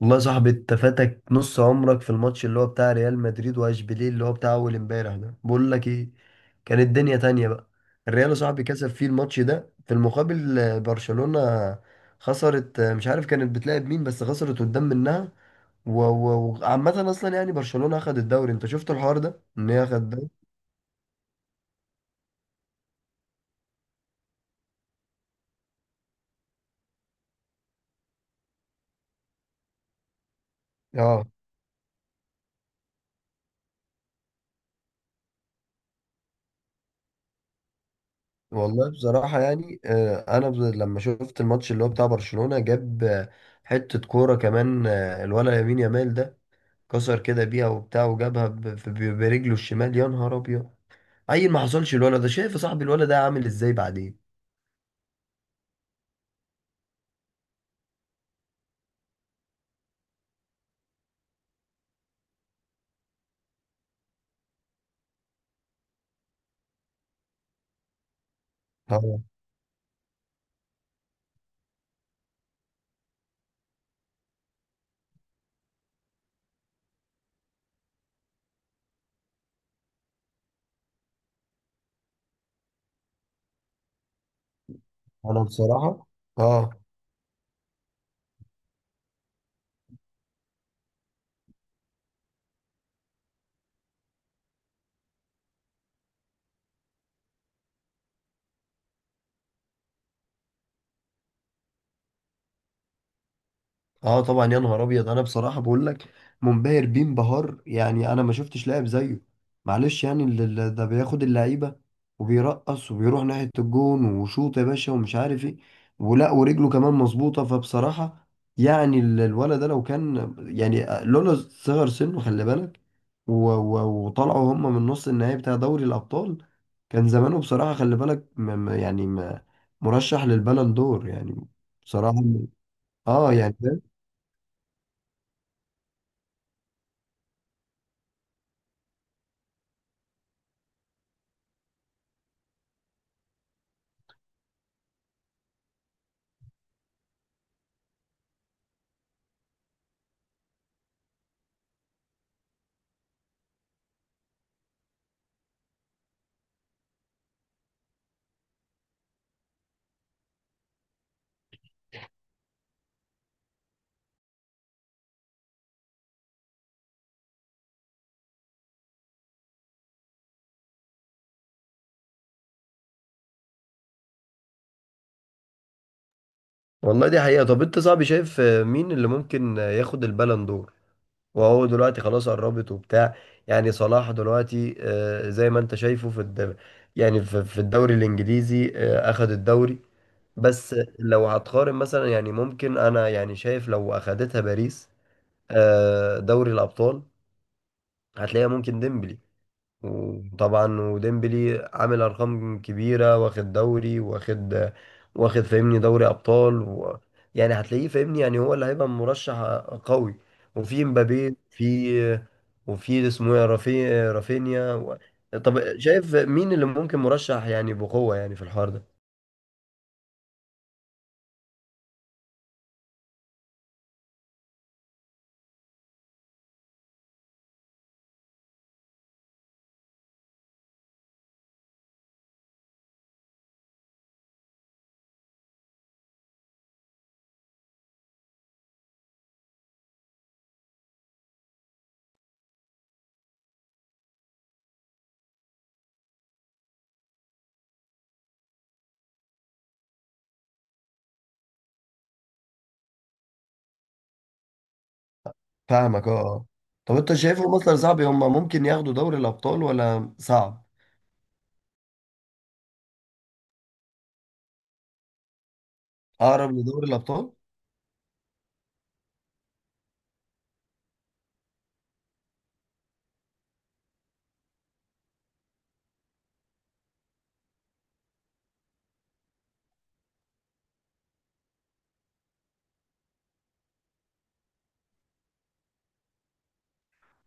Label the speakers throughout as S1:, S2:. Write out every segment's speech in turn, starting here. S1: والله يا صاحبي، انت فاتك نص عمرك في الماتش اللي هو بتاع ريال مدريد واشبيليه اللي هو بتاع اول امبارح ده. بقول لك ايه، كانت الدنيا تانية بقى. الريال يا صاحبي كسب فيه الماتش ده. في المقابل برشلونة خسرت. مش عارف كانت بتلعب مين، بس خسرت قدام منها. و- و- وعامة اصلا يعني برشلونة اخد الدوري. انت شفت الحوار ده ان هي اخد الدوري. اه، والله بصراحة يعني انا لما شفت الماتش اللي هو بتاع برشلونة جاب حتة كورة كمان. الولد يمين يامال ده كسر كده بيها وبتاع وجابها برجله الشمال. يا نهار ابيض، عيل ما حصلش. الولد ده، شايف يا صاحبي الولد ده عامل ازاي بعدين. اه، انا بصراحة. اه. اه طبعا يا نهار ابيض، انا بصراحه بقول لك منبهر بيه انبهار. يعني انا ما شفتش لاعب زيه، معلش. يعني ده بياخد اللعيبه وبيرقص وبيروح ناحيه الجون وشوط يا باشا ومش عارف ايه، ولا ورجله كمان مظبوطه. فبصراحه يعني الولد ده لو كان يعني لولا صغر سنه، خلي بالك، و- و- وطلعوا هم من نص النهائي بتاع دوري الابطال، كان زمانه بصراحه، خلي بالك، مرشح للبالون دور يعني، بصراحه. اه يعني. والله دي حقيقة. طب انت صاحبي شايف مين اللي ممكن ياخد البالون دور، وهو دلوقتي خلاص قربت وبتاع؟ يعني صلاح دلوقتي زي ما انت شايفه في الدوري. يعني في الدوري الانجليزي اخد الدوري، بس لو هتقارن مثلا يعني ممكن انا يعني شايف لو اخدتها باريس دوري الابطال، هتلاقيها ممكن ديمبلي. وطبعا وديمبلي عامل ارقام كبيره، واخد دوري، واخد فاهمني دوري ابطال. و... يعني هتلاقيه فاهمني، يعني هو اللي هيبقى مرشح قوي. وفي مبابي، في وفي اسمه ايه رافي رافينيا. و... طب شايف مين اللي ممكن مرشح يعني بقوه يعني في الحوار ده؟ فاهمك، اه آه. طب انت شايفهم مثلا صعب هم ممكن ياخدوا دوري الابطال ولا صعب؟ اقرب لدوري الابطال.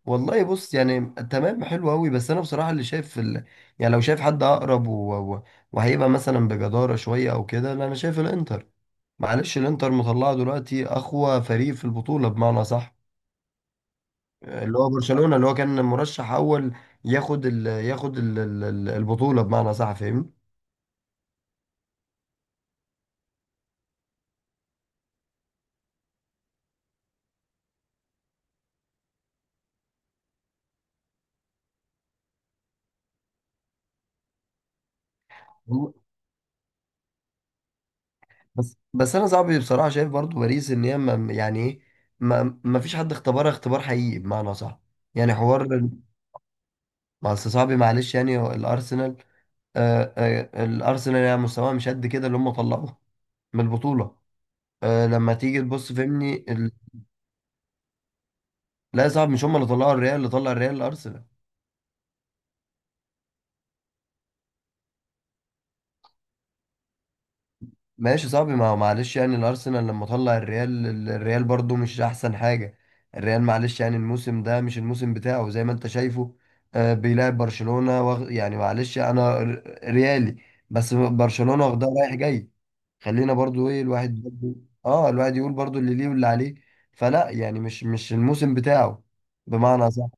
S1: والله بص يعني، تمام حلو قوي. بس انا بصراحه اللي شايف في يعني لو شايف حد اقرب، و... و... وهيبقى مثلا بجداره شويه او كده، لا انا شايف الانتر. معلش، الانتر مطلعه دلوقتي اقوى فريق في البطوله بمعنى صح، اللي هو برشلونه، اللي هو كان مرشح اول ياخد البطوله بمعنى صح، فاهمني. والله، بس انا صعب بصراحه شايف برضو باريس ان هي ما يعني ايه، ما... ما فيش حد اختبرها اختبار حقيقي بمعنى صح، يعني حوار. بس صعب معلش، يعني الارسنال، الارسنال يعني مستواه مش قد كده اللي هم طلعوه من البطوله. لما تيجي تبص فهمني لا صعب، مش هم اللي طلعوا الريال، اللي طلع الريال الارسنال. ماشي صعب، ما هو معلش يعني الارسنال لما طلع الريال، الريال برضو مش احسن حاجه. الريال معلش يعني الموسم ده مش الموسم بتاعه، زي ما انت شايفه بيلعب برشلونه يعني معلش انا ريالي، بس برشلونه واخدها رايح جاي. خلينا برضو ايه، الواحد برضو، اه الواحد يقول برضو اللي ليه واللي عليه. فلا يعني مش الموسم بتاعه بمعنى صح.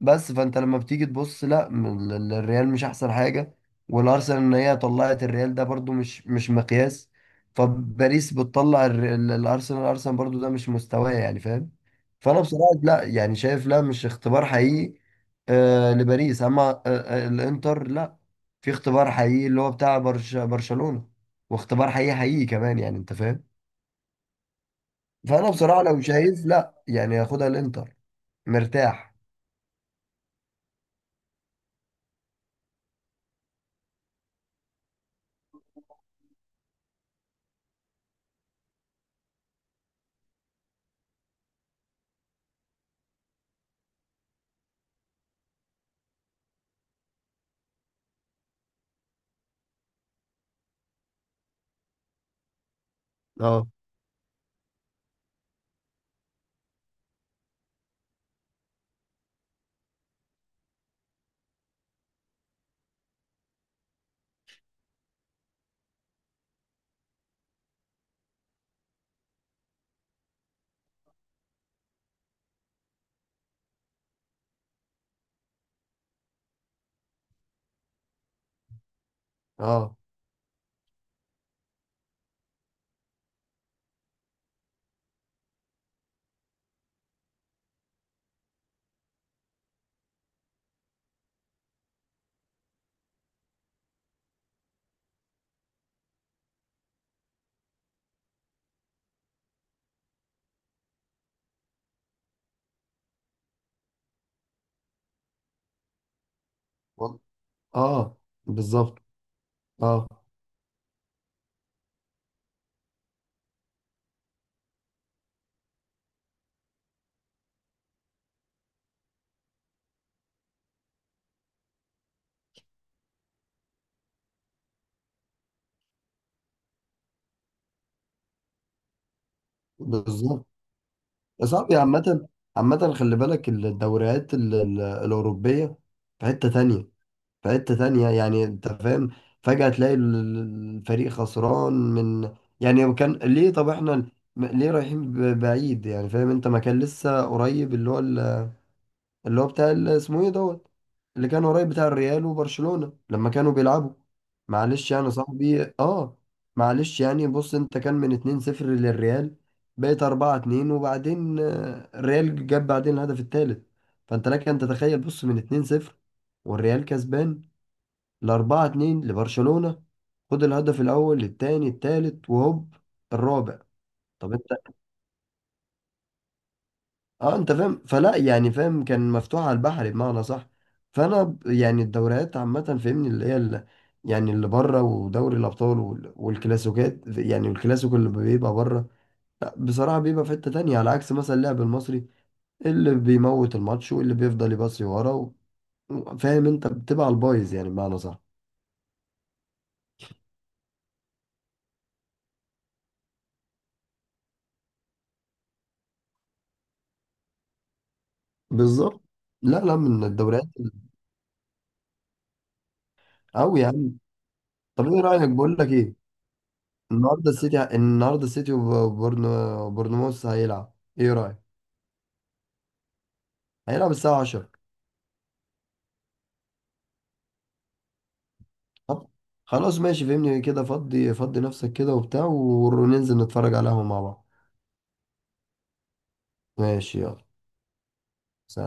S1: بس فانت لما بتيجي تبص، لا الريال مش احسن حاجه، والارسنال ان هي طلعت الريال ده برضو مش مقياس. فباريس بتطلع الارسنال، الارسنال برضو ده مش مستواه يعني، فاهم. فانا بصراحه لا يعني شايف، لا مش اختبار حقيقي لباريس، اما الانتر لا، في اختبار حقيقي اللي هو بتاع برشلونه، واختبار حقيقي حقيقي كمان يعني انت فاهم. فانا بصراحه لو شايف، لا يعني ياخدها الانتر مرتاح. اه، اه، اه، بالظبط. اه بالظبط يا صاحبي. عامة، عامة خلي بالك الدوريات الأوروبية في حتة تانية. في حتة تانية يعني أنت فاهم. فجأة تلاقي الفريق خسران من، يعني كان ليه؟ طب احنا ليه رايحين بعيد يعني، فاهم أنت؟ ما كان لسه قريب اللي هو اللي هو بتاع اسمه ايه دوت، اللي كان قريب بتاع الريال وبرشلونة لما كانوا بيلعبوا، معلش يعني صاحبي. اه، معلش يعني بص، انت كان من 2-0 للريال، بقيت 4-2، وبعدين الريال جاب بعدين الهدف الثالث. فانت لك ان تتخيل، بص من 2-0 والريال كسبان، ل 4-2 لبرشلونة. خد الهدف الاول الثاني الثالث وهوب الرابع. طب اه، انت فاهم، فلا يعني فاهم، كان مفتوح على البحر بمعنى صح. فانا يعني الدوريات عامه فاهمني اللي هي اللي يعني اللي بره، ودوري الابطال والكلاسيكات، يعني الكلاسيكو اللي بيبقى بره، لا بصراحه بيبقى في حته تانية. على عكس مثلا اللاعب المصري اللي بيموت الماتش واللي بيفضل يباصي ورا، فاهم انت بتبقى على البايظ يعني بمعنى صح. بالظبط، لا لا من الدوريات. قوي يعني. طب ايه رايك، بقول لك ايه، النهارده السيتي، النهارده السيتي وبورنو بورنموث هيلعب. ايه رايك؟ هيلعب الساعة 10. طب خلاص ماشي، فهمني كده، فضي فضي نفسك كده وبتاع، وننزل نتفرج على القهوة مع بعض. ماشي، يلا، سلام.